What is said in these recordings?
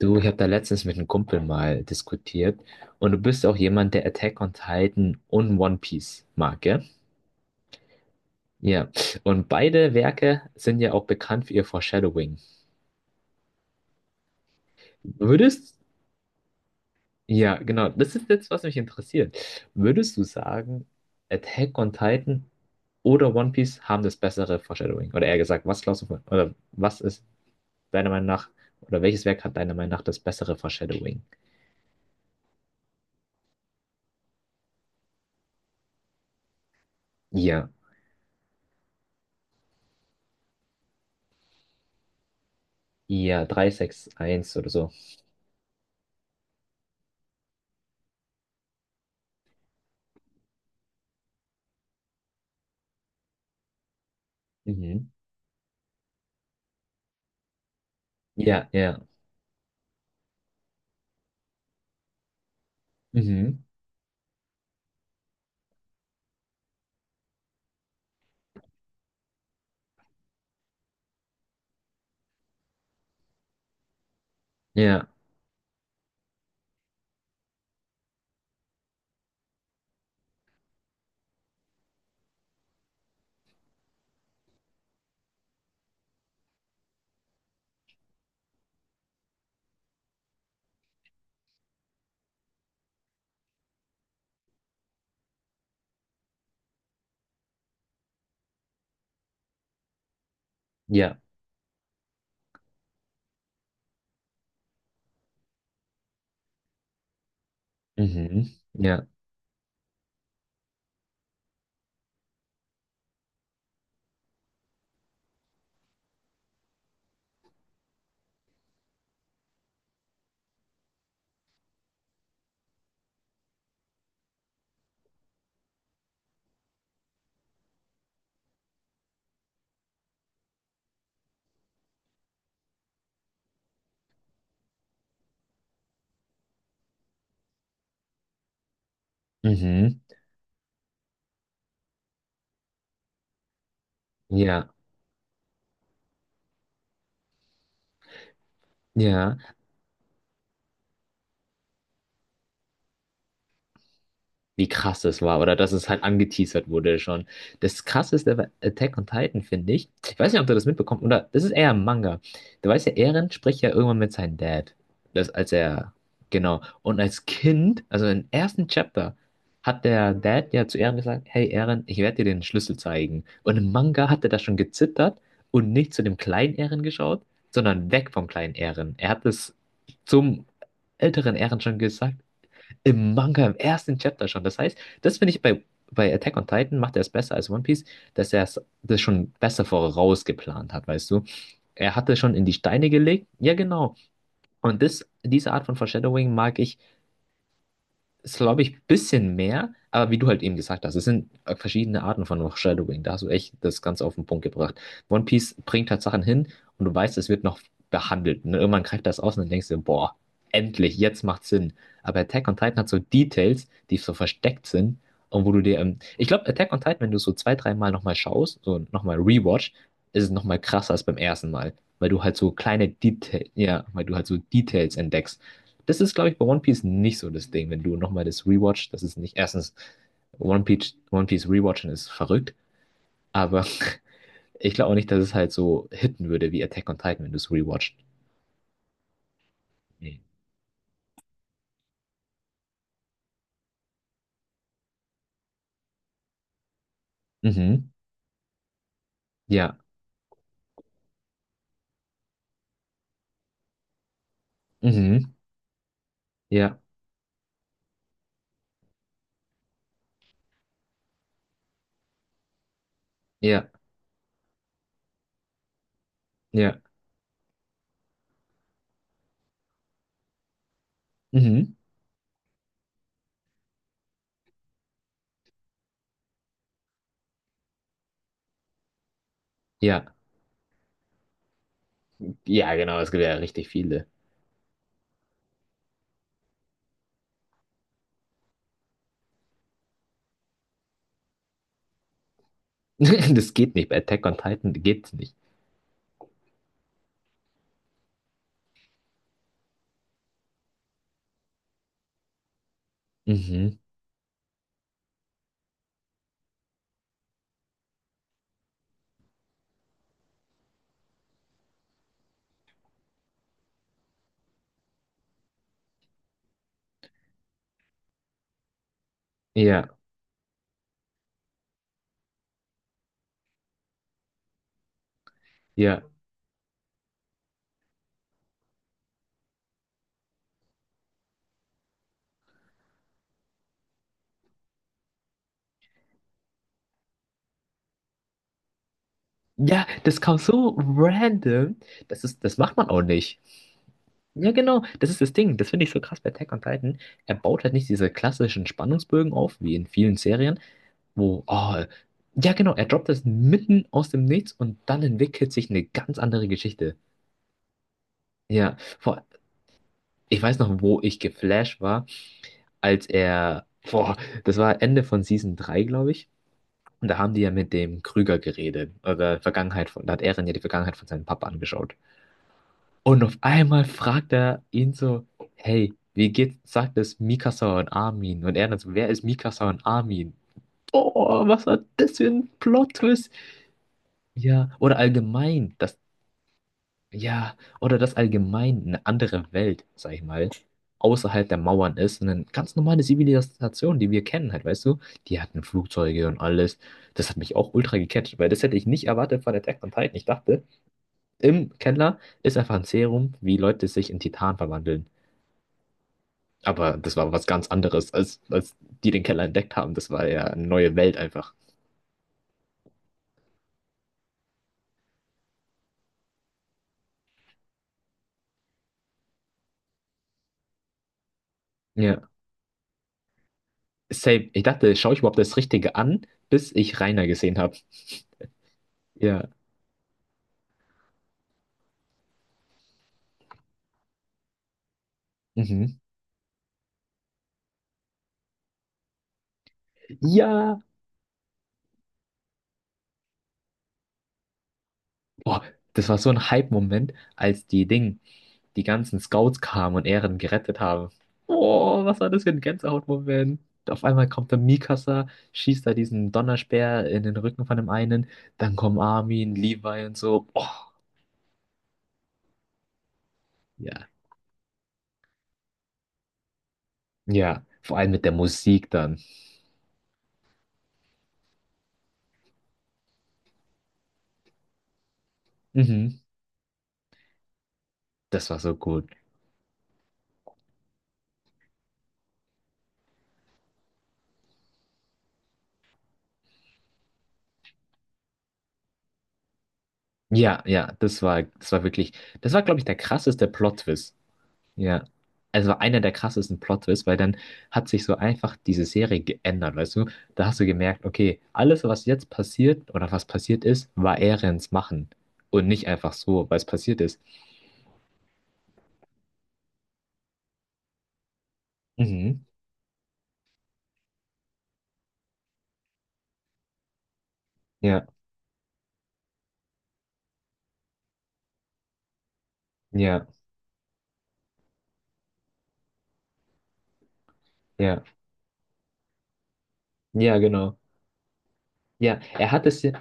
Du, ich habe da letztens mit einem Kumpel mal diskutiert und du bist auch jemand, der Attack on Titan und One Piece mag, gell? Ja. Und beide Werke sind ja auch bekannt für ihr Foreshadowing. Würdest, ja, genau, das ist jetzt, was mich interessiert. Würdest du sagen, Attack on Titan oder One Piece haben das bessere Foreshadowing? Oder eher gesagt, was glaubst du von, oder was ist deiner Meinung nach, oder welches Werk hat deiner Meinung nach das bessere Foreshadowing? Ja. Ja, 361 oder so. Mhm. Ja, ja. Mhm. Ja, ja. Mhm. Ja. Mhm. Ja, ja, wie krass das war oder dass es halt angeteasert wurde schon. Das Krasseste bei Attack on Titan, finde ich, ich weiß nicht, ob du das mitbekommst, oder das ist eher ein Manga. Du weißt ja, Eren spricht ja irgendwann mit seinem Dad. Das, als er, genau. Und als Kind, also im ersten Chapter, hat der Dad ja zu Eren gesagt, hey Eren, ich werde dir den Schlüssel zeigen. Und im Manga hat er da schon gezittert und nicht zu dem kleinen Eren geschaut, sondern weg vom kleinen Eren. Er hat es zum älteren Eren schon gesagt, im Manga, im ersten Chapter schon. Das heißt, das finde ich bei Attack on Titan, macht er es besser als One Piece, dass er das schon besser vorausgeplant hat, weißt du? Er hatte schon in die Steine gelegt. Ja, genau. Und das, diese Art von Foreshadowing mag ich, ist, glaube ich, ein bisschen mehr, aber wie du halt eben gesagt hast, es sind verschiedene Arten von Foreshadowing. Da hast du echt das Ganze auf den Punkt gebracht. One Piece bringt halt Sachen hin und du weißt, es wird noch behandelt. Und irgendwann greift das aus und dann denkst du, boah, endlich, jetzt macht Sinn. Aber Attack on Titan hat so Details, die so versteckt sind, und wo du dir, ich glaube, Attack on Titan, wenn du so zwei, dreimal nochmal schaust, so nochmal rewatch, ist es nochmal krasser als beim ersten Mal, weil du halt so kleine Details, ja, weil du halt so Details entdeckst. Das ist, glaube ich, bei One Piece nicht so das Ding. Wenn du nochmal das Rewatch, das ist nicht, erstens, One Piece Rewatchen ist verrückt, aber ich glaube auch nicht, dass es halt so hitten würde wie Attack on Titan, wenn du es rewatcht. Nee. Mhm. Ja. Mhm. Ja. Ja. Ja. Mhm. Ja. Ja, genau, es gibt ja richtig viele. Das geht nicht. Bei Attack on Titan geht's nicht. Mhm. Ja. Ja. Ja, das kam so random. Das ist, das macht man auch nicht. Ja, genau, das ist das Ding. Das finde ich so krass bei Attack on Titan. Er baut halt nicht diese klassischen Spannungsbögen auf, wie in vielen Serien, wo, oh, ja, genau, er droppt das mitten aus dem Nichts und dann entwickelt sich eine ganz andere Geschichte. Ja, ich weiß noch, wo ich geflasht war, als er, boah, das war Ende von Season drei, glaube ich. Und da haben die ja mit dem Krüger geredet, oder Vergangenheit von, da hat Eren ja die Vergangenheit von seinem Papa angeschaut. Und auf einmal fragt er ihn so, hey, wie geht's, sagt es Mikasa und Armin? Und er dann so, wer ist Mikasa und Armin? Oh, was hat das für ein Plot-Twist? Ja, oder allgemein, das, ja, oder das allgemein eine andere Welt, sag ich mal, außerhalb der Mauern ist. Eine ganz normale Zivilisation, die wir kennen halt, weißt du? Die hatten Flugzeuge und alles. Das hat mich auch ultra gecatcht, weil das hätte ich nicht erwartet von Attack on Titan. Ich dachte, im Keller ist einfach ein Serum, wie Leute sich in Titan verwandeln. Aber das war was ganz anderes, als die den Keller entdeckt haben. Das war ja eine neue Welt einfach. Ja. Safe. Ich dachte, schaue ich überhaupt das Richtige an, bis ich Rainer gesehen habe. Ja. Mhm. Ja! Boah, das war so ein Hype-Moment, als die Ding, die ganzen Scouts kamen und Eren gerettet haben. Oh, was war das für ein Gänsehautmoment? Auf einmal kommt der Mikasa, schießt da diesen Donnerspeer in den Rücken von dem einen, dann kommen Armin, Levi und so. Oh, ja, ja, vor allem mit der Musik dann. Mhm. Das war so gut. Ja, ja, das war wirklich, das war, glaube ich, der krasseste Plot-Twist. Ja. Also war einer der krassesten Plot-Twists, weil dann hat sich so einfach diese Serie geändert, weißt du? Da hast du gemerkt, okay, alles, was jetzt passiert oder was passiert ist, war Erens Machen. Und nicht einfach so, weil es passiert ist. Mhm. Ja, ja, ja. Ja, genau. Ja, er hat es ja.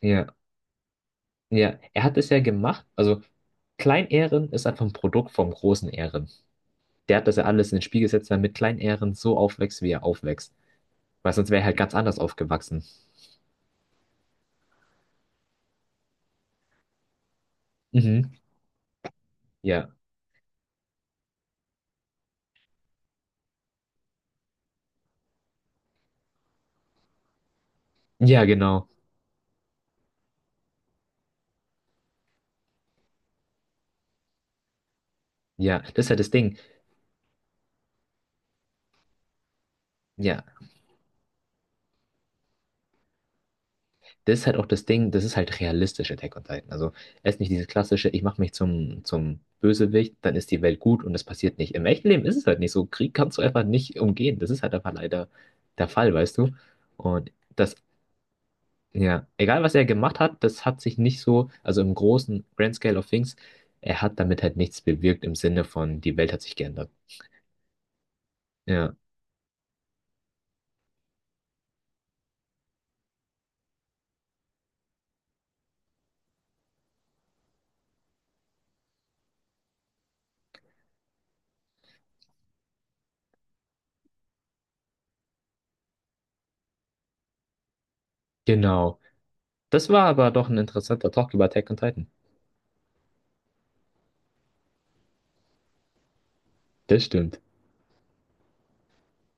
Ja. Ja, er hat es ja gemacht. Also klein ist einfach ein Produkt vom großen Ehren. Der hat das ja alles in den Spiel gesetzt, damit Klein-Ehren so aufwächst, wie er aufwächst. Weil sonst wäre er halt ganz anders aufgewachsen. Mhm. Ja. Ja, genau. Ja, das ist halt das Ding. Ja, das ist halt auch das Ding, das ist halt realistisch, Attack on Titan. Also es ist nicht dieses klassische, ich mache mich zum Bösewicht, dann ist die Welt gut und es passiert nicht. Im echten Leben ist es halt nicht so. Krieg kannst du einfach nicht umgehen. Das ist halt einfach leider der Fall, weißt du? Und das. Ja, egal was er gemacht hat, das hat sich nicht so, also im großen Grand Scale of Things, er hat damit halt nichts bewirkt im Sinne von, die Welt hat sich geändert. Ja, genau. Das war aber doch ein interessanter Talk über Attack on Titan. Das stimmt.